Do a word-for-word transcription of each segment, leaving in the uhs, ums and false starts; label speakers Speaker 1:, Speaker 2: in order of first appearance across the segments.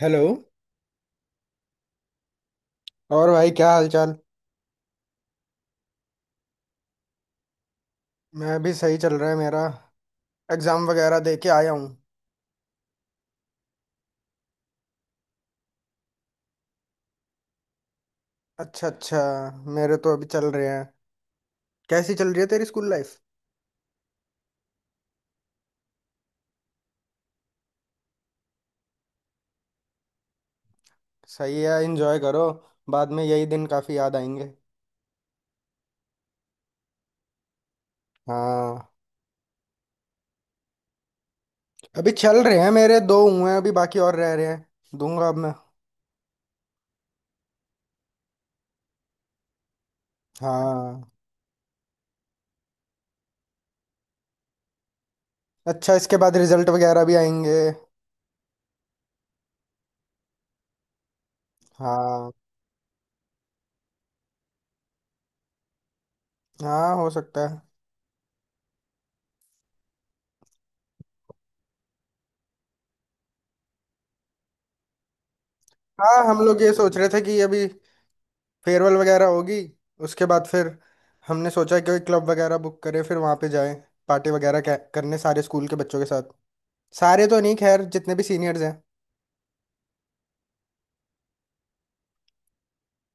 Speaker 1: Hello. और भाई क्या हाल चाल। मैं भी सही चल रहा है मेरा। एग्जाम वगैरह दे के आया हूँ। अच्छा अच्छा। मेरे तो अभी चल रहे हैं। कैसी चल रही है तेरी स्कूल लाइफ। सही है एंजॉय करो। बाद में यही दिन काफी याद आएंगे। हाँ। अभी चल रहे हैं मेरे दो हुए हैं अभी बाकी और रह रहे हैं दूंगा अब मैं। हाँ। अच्छा इसके बाद रिजल्ट वगैरह भी आएंगे। हाँ। हाँ हो सकता है। हाँ हम लोग ये सोच रहे थे कि अभी फेयरवेल वगैरह होगी। उसके बाद फिर हमने सोचा कि क्लब वगैरह बुक करें फिर वहाँ पे जाएं। पार्टी वगैरह कै- करने सारे स्कूल के बच्चों के साथ। सारे तो नहीं खैर जितने भी सीनियर्स हैं।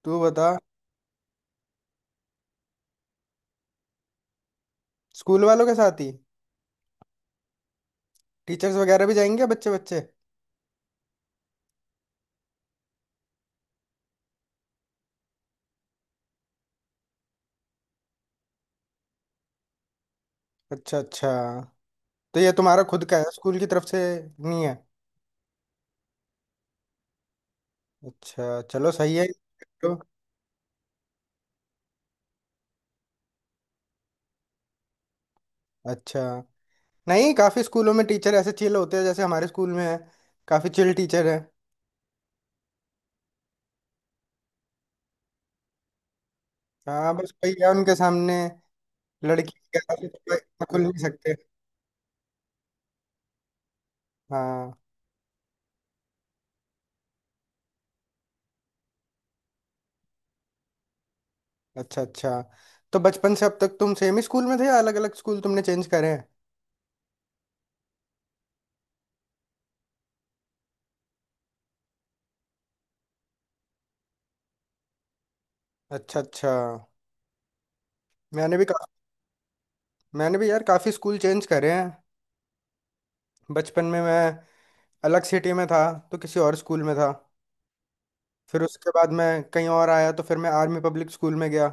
Speaker 1: तू बता। स्कूल वालों के साथ ही। टीचर्स वगैरह भी जाएंगे बच्चे बच्चे। अच्छा अच्छा। तो ये तुम्हारा खुद का है स्कूल की तरफ से नहीं है। अच्छा चलो सही है। तो अच्छा। नहीं काफ़ी स्कूलों में टीचर ऐसे चिल होते हैं जैसे हमारे स्कूल में है। काफ़ी चिल टीचर है। हाँ बस वही है उनके सामने। लड़की के हाथ में तो खुल नहीं सकते। हाँ। अच्छा अच्छा। तो बचपन से अब तक तुम सेम ही स्कूल में थे या अलग अलग स्कूल तुमने चेंज करे हैं। अच्छा अच्छा। मैंने भी का, मैंने भी यार काफ़ी स्कूल चेंज करे हैं। बचपन में मैं अलग सिटी में था। तो किसी और स्कूल में था। फिर उसके बाद मैं कहीं और आया तो फिर मैं आर्मी पब्लिक स्कूल में गया।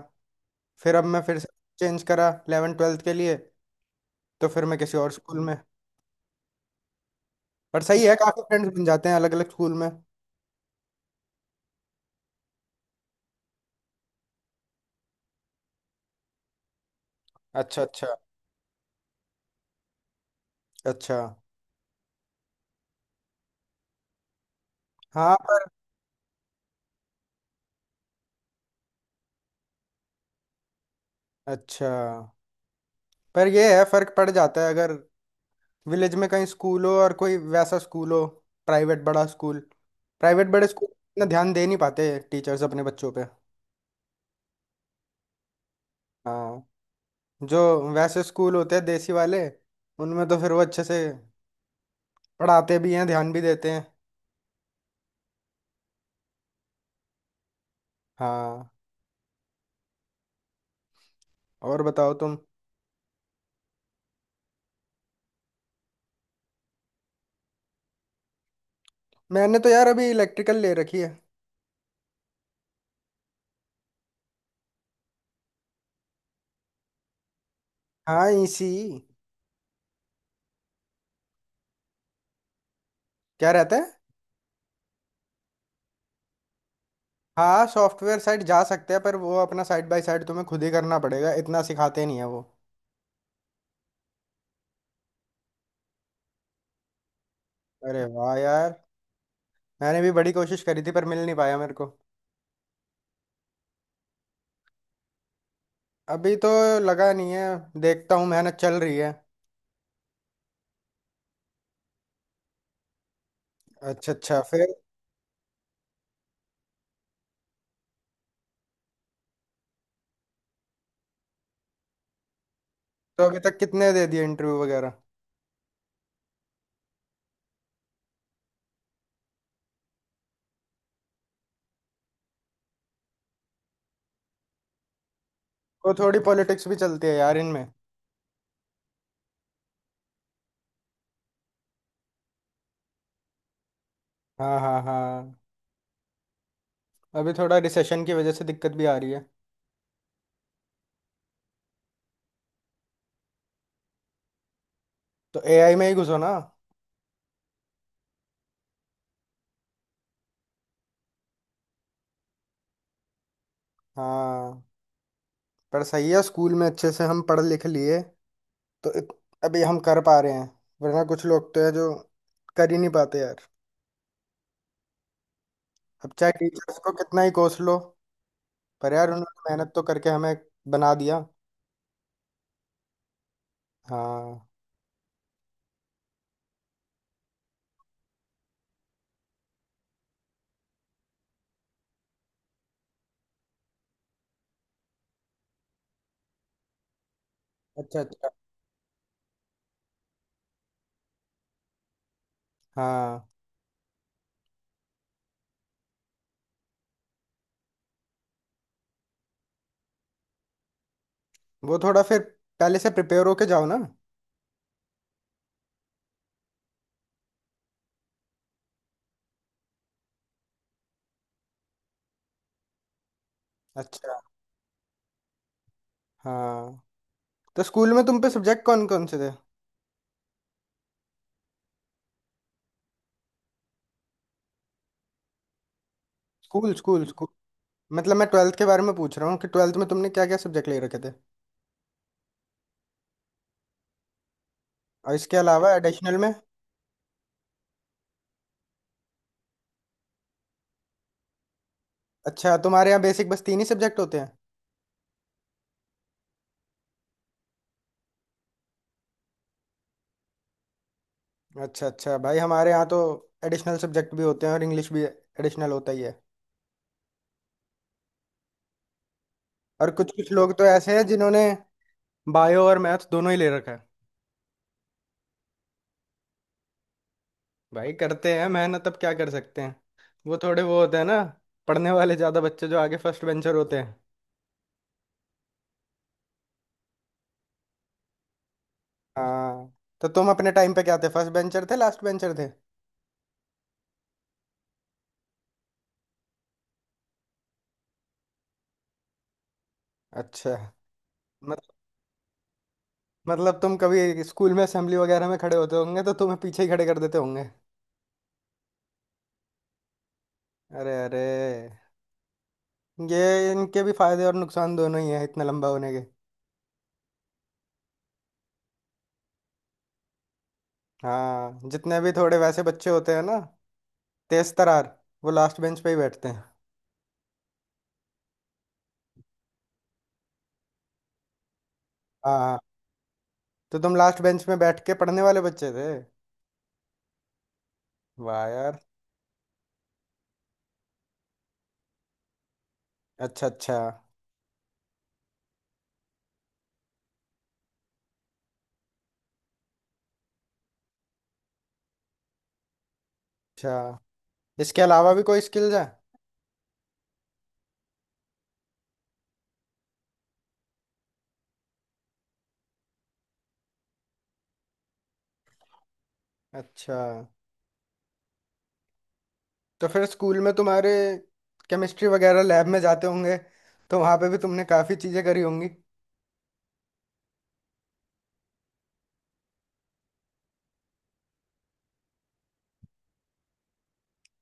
Speaker 1: फिर अब मैं फिर से चेंज करा इलेवन ट्वेल्थ के लिए। तो फिर मैं किसी और स्कूल में। पर सही है काफ़ी फ्रेंड्स बन जाते हैं अलग अलग स्कूल में। अच्छा अच्छा। अच्छा। हाँ पर। अच्छा। पर ये है फर्क पड़ जाता है अगर विलेज में कहीं स्कूल हो और कोई वैसा स्कूल हो। प्राइवेट बड़ा स्कूल। प्राइवेट बड़े स्कूल इतना ध्यान दे नहीं पाते टीचर्स अपने बच्चों पे। हाँ। जो वैसे स्कूल होते हैं देसी वाले उनमें तो फिर वो अच्छे से पढ़ाते भी हैं ध्यान भी देते हैं। हाँ। और बताओ तुम। मैंने तो यार अभी इलेक्ट्रिकल ले रखी है। हाँ इसी। क्या रहता है। हाँ सॉफ्टवेयर साइड जा सकते हैं पर वो अपना साइड बाय साइड तुम्हें खुद ही करना पड़ेगा इतना सिखाते नहीं है वो। अरे वाह यार। मैंने भी बड़ी कोशिश करी थी पर मिल नहीं पाया मेरे को। अभी तो लगा नहीं है। देखता हूँ मेहनत चल रही है। अच्छा अच्छा फिर। तो अभी तक कितने दे दिए इंटरव्यू वगैरह। तो थोड़ी पॉलिटिक्स भी चलती है यार इनमें। हाँ हाँ हाँ। अभी थोड़ा रिसेशन की वजह से दिक्कत भी आ रही है। तो ए आई में ही घुसो ना। हाँ। पर सही है स्कूल में अच्छे से हम पढ़ लिख लिए तो इत- अभी हम कर पा रहे हैं। वरना कुछ लोग तो है जो कर ही नहीं पाते यार। अब चाहे टीचर्स को कितना ही कोस लो पर यार उन्होंने मेहनत तो करके हमें बना दिया। हाँ। अच्छा अच्छा। हाँ वो थोड़ा फिर पहले से प्रिपेयर होके जाओ ना। अच्छा। हाँ। तो स्कूल में तुम पे सब्जेक्ट कौन कौन से थे। स्कूल स्कूल स्कूल मतलब मैं ट्वेल्थ के बारे में पूछ रहा हूँ कि ट्वेल्थ में तुमने क्या क्या सब्जेक्ट ले रखे थे। और इसके अलावा एडिशनल में। अच्छा तुम्हारे यहाँ बेसिक बस तीन ही सब्जेक्ट होते हैं। अच्छा अच्छा भाई हमारे यहाँ तो एडिशनल सब्जेक्ट भी होते हैं और इंग्लिश भी एडिशनल होता ही है। और कुछ कुछ लोग तो ऐसे हैं जिन्होंने बायो और मैथ दोनों ही ले रखा है। भाई करते हैं मेहनत अब क्या कर सकते हैं। वो थोड़े वो होते हैं ना पढ़ने वाले ज्यादा बच्चे जो आगे फर्स्ट बेंचर होते हैं। हाँ। तो तुम अपने टाइम पे क्या थे फर्स्ट बेंचर थे लास्ट बेंचर थे। अच्छा। मत, मतलब तुम कभी स्कूल में असेंबली वगैरह में खड़े होते होंगे तो तुम्हें पीछे ही खड़े कर देते होंगे। अरे अरे। ये इनके भी फायदे और नुकसान दोनों ही हैं इतना लंबा होने के। हाँ जितने भी थोड़े वैसे बच्चे होते हैं ना तेज तरार वो लास्ट बेंच पे ही बैठते हैं। हाँ। तो तुम लास्ट बेंच में बैठ के पढ़ने वाले बच्चे थे। वाह यार। अच्छा अच्छा। अच्छा इसके अलावा भी कोई स्किल्स है। अच्छा। तो फिर स्कूल में तुम्हारे केमिस्ट्री वगैरह लैब में जाते होंगे तो वहाँ पे भी तुमने काफ़ी चीज़ें करी होंगी।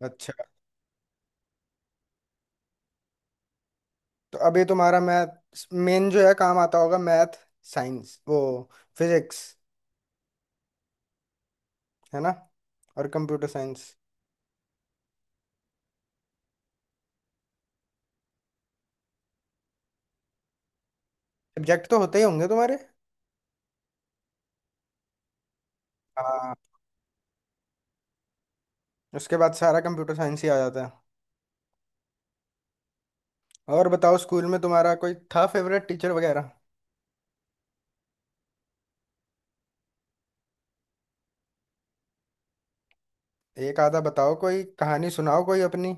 Speaker 1: अच्छा। तो अभी तुम्हारा मैथ मेन जो है काम आता होगा। मैथ साइंस वो फिजिक्स है ना। और कंप्यूटर साइंस। सब्जेक्ट तो होते ही होंगे तुम्हारे। हाँ। उसके बाद सारा कंप्यूटर साइंस ही आ जाता है। और बताओ स्कूल में तुम्हारा कोई था फेवरेट टीचर वगैरह। एक आधा बताओ कोई कहानी सुनाओ कोई अपनी।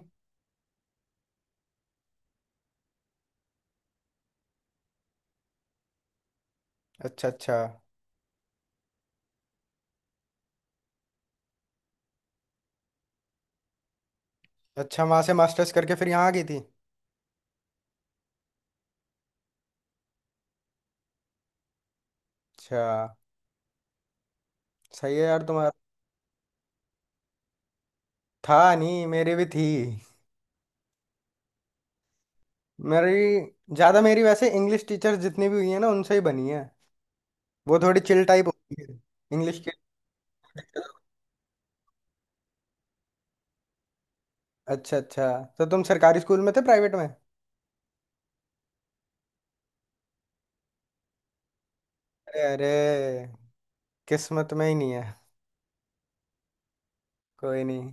Speaker 1: अच्छा अच्छा। अच्छा वहां से मास्टर्स करके फिर यहाँ आ गई थी। अच्छा। सही है यार तुम्हारा। था नहीं मेरी भी थी। मेरी ज्यादा मेरी वैसे इंग्लिश टीचर्स जितनी भी हुई है ना उनसे ही बनी है। वो थोड़ी चिल टाइप होती है। इंग्लिश के। अच्छा अच्छा। तो तुम सरकारी स्कूल में थे प्राइवेट में। अरे अरे। किस्मत में ही नहीं है। कोई नहीं।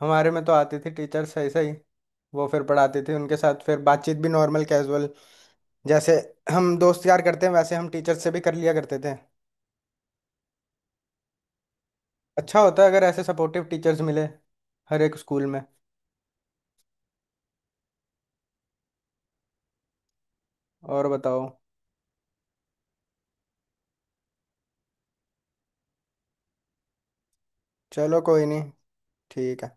Speaker 1: हमारे में तो आती थी टीचर्स ऐसे ही। वो फिर पढ़ाती थी उनके साथ फिर बातचीत भी नॉर्मल कैजुअल। जैसे हम दोस्त यार करते हैं वैसे हम टीचर से भी कर लिया करते थे। अच्छा होता है अगर ऐसे सपोर्टिव टीचर्स मिले हर एक स्कूल में। और बताओ। चलो कोई नहीं। ठीक है।